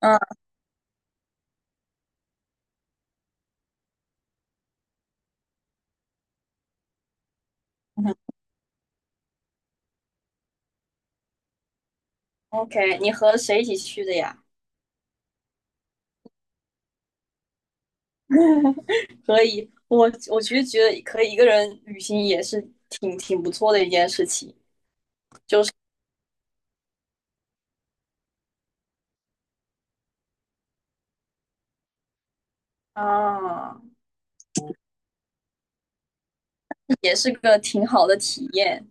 嗯嗯，OK，你和谁一起去的呀？可以，我其实觉得可以一个人旅行也是挺不错的一件事情，就是啊，也是个挺好的体验。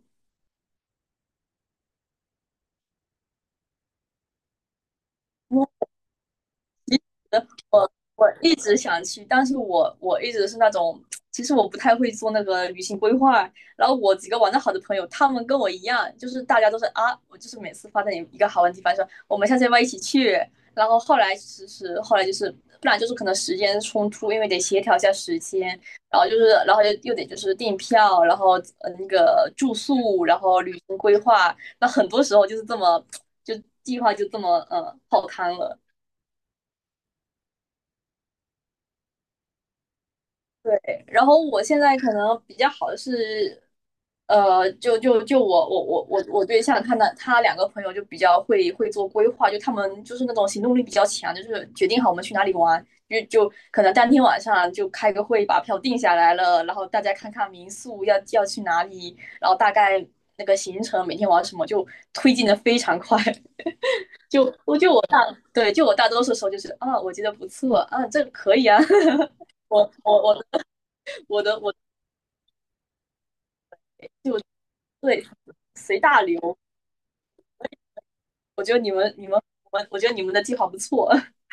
其实我一直想去，但是我一直是那种，其实我不太会做那个旅行规划。然后我几个玩的好的朋友，他们跟我一样，就是大家都是啊，我就是每次发在一个好玩的地方说我们下次要不要一起去。然后后来其实后来就是不然就是可能时间冲突，因为得协调一下时间，然后就是然后又得就是订票，然后那个住宿，然后旅行规划，那很多时候就是这么就计划就这么泡汤了。对，然后我现在可能比较好的是，就我对象他的他两个朋友就比较会做规划，就他们就是那种行动力比较强，就是决定好我们去哪里玩，就可能当天晚上就开个会把票定下来了，然后大家看看民宿要去哪里，然后大概那个行程每天玩什么就推进的非常快，就我就我大对大多数时候就是啊我觉得不错啊这个可以啊，我我我的我的我。就。对，随大流。我觉得你们、你们、我觉得你们的计划不错。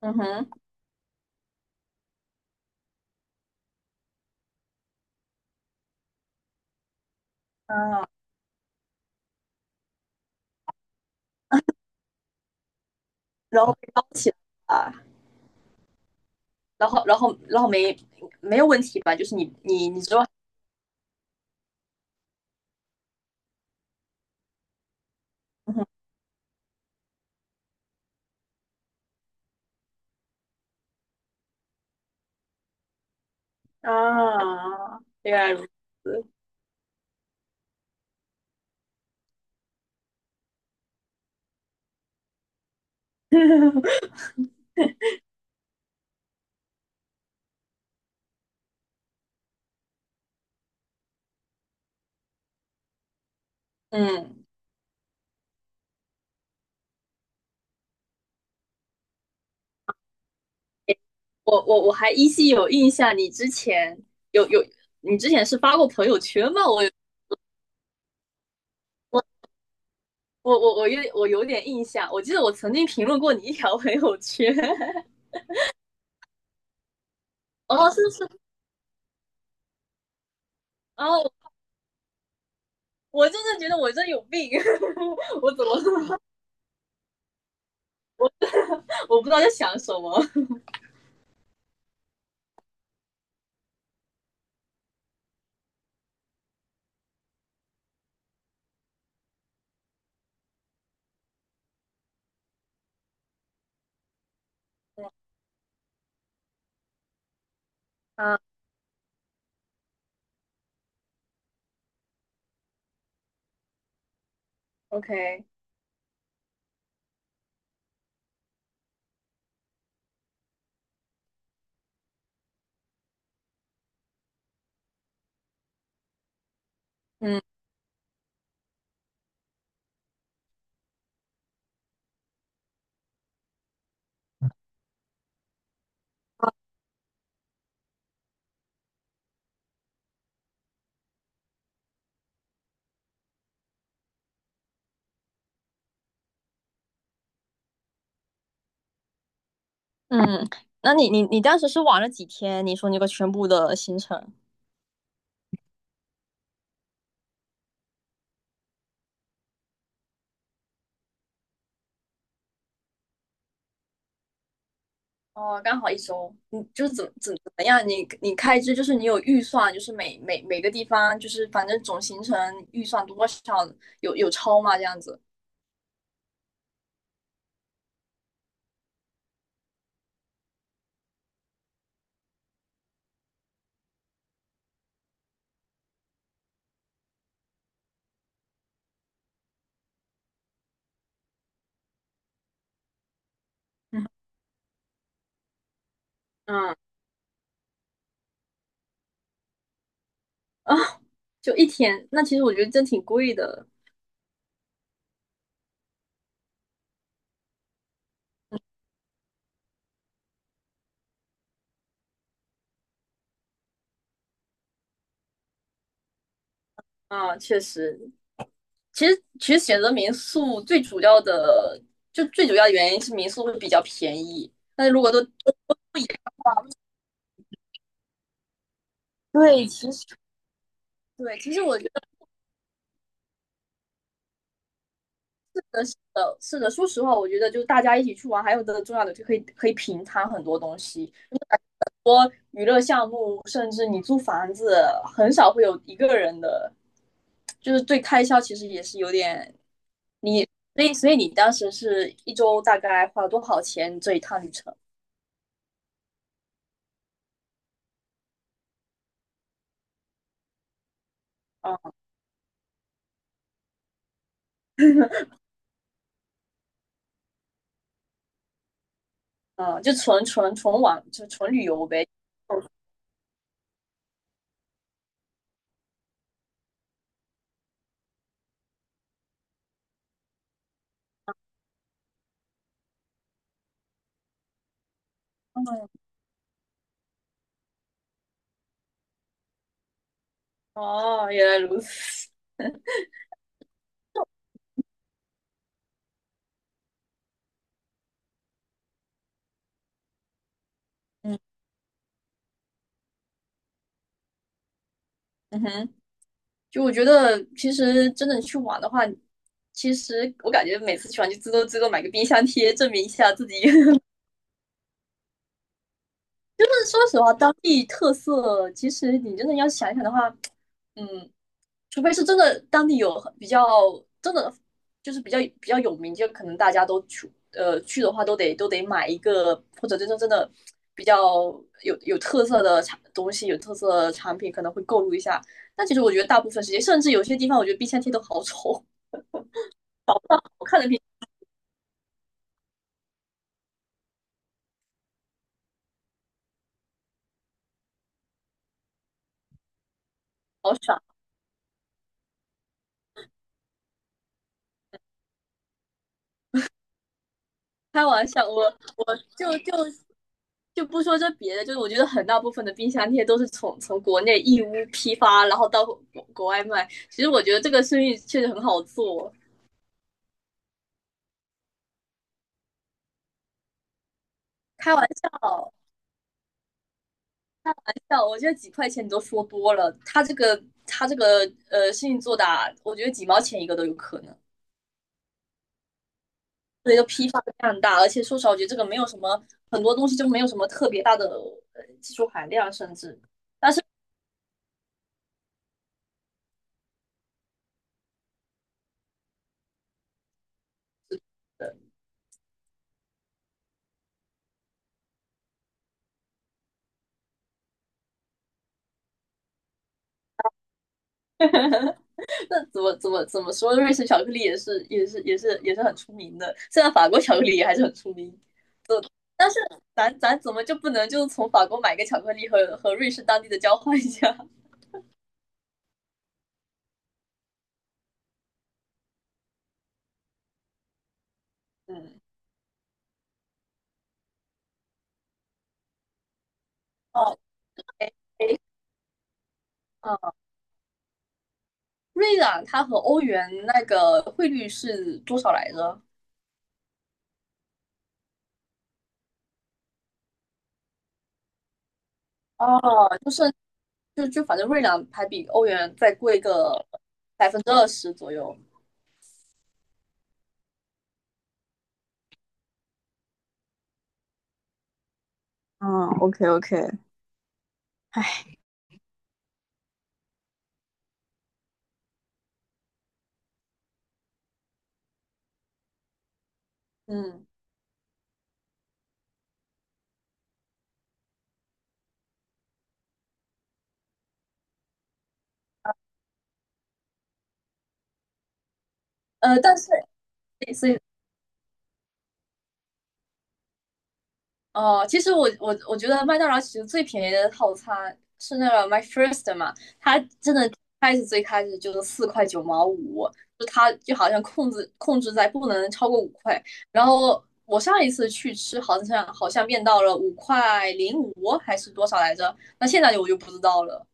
嗯哼，然后被捞起来了，然后没有问题吧？就是你说嗯，啊，原来如此。嗯，我还依稀有印象，你之前有有，你之前是发过朋友圈吗？我、我有有点印象，我记得我曾经评论过你一条朋友圈。哦，是是，哦，我就是觉得我这有病 我怎么我不知道在想什么。啊，OK，嗯，嗯，那你当时是玩了几天？你说那个全部的行程？哦，刚好一周，你就是怎么怎么样？你开支就是你有预算，就是每每个地方就是反正总行程预算多少有超吗？这样子嗯，啊，就一天。那其实我觉得真挺贵的啊，确实其实选择民宿最主要的，就最主要的原因是民宿会比较便宜。但是如果都对，其实对，其实我觉得是的。说实话，我觉得就大家一起去玩，还有个重要的就可以平摊很多东西，娱乐项目，甚至你租房子，很少会有一个人的，就是对开销其实也是有点你，所以你当时是一周大概花了多少钱这一趟旅程？嗯嗯，就纯玩，就纯旅游呗。嗯，哦，原来如此。嗯，嗯哼，就我觉得其实真的去玩的话，其实我感觉每次去玩就最多买个冰箱贴，证明一下自己 说实话，当地特色，其实你真的要想一想的话，嗯，除非是真的当地有很比较真的就是比较有名，就可能大家都去去的话，都得买一个，或者真正真的比较有特色的产东西，有特色的产品，可能会购入一下。但其实我觉得大部分时间，甚至有些地方，我觉得冰箱贴都好丑，我看了冰好傻。开玩笑，我就就就不说这别的，就是我觉得很大部分的冰箱贴都是从国内义乌批发，然后到国外卖。其实我觉得这个生意确实很好做，开玩笑，笑，我觉得几块钱你都说多了，他这个生意做大，我觉得几毛钱一个都有可能。所以就批发量大，而且说实话，我觉得这个没有什么很多东西就没有什么特别大的技术含量，甚至那怎么怎么说，瑞士巧克力也是很出名的，虽然法国巧克力也还是很出名。但是咱怎么就不能就从法国买个巧克力和瑞士当地的交换一下？嗯，哦，哎哎，嗯，瑞朗它和欧元那个汇率是多少来着？哦，就就反正瑞朗还比欧元再贵个20%左右。嗯，OK OK,哎，嗯，呃，但是所以哦，其实我我觉得麦当劳其实最便宜的套餐是那个 My First 嘛，它真的最开始就是4.95块，就它就好像控制在不能超过五块。然后我上一次去吃好像变到了5.05块还是多少来着？那现在我就不知道了。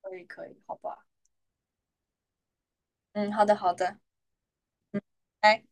可以可以，好吧，嗯，好的好的，嗯，拜。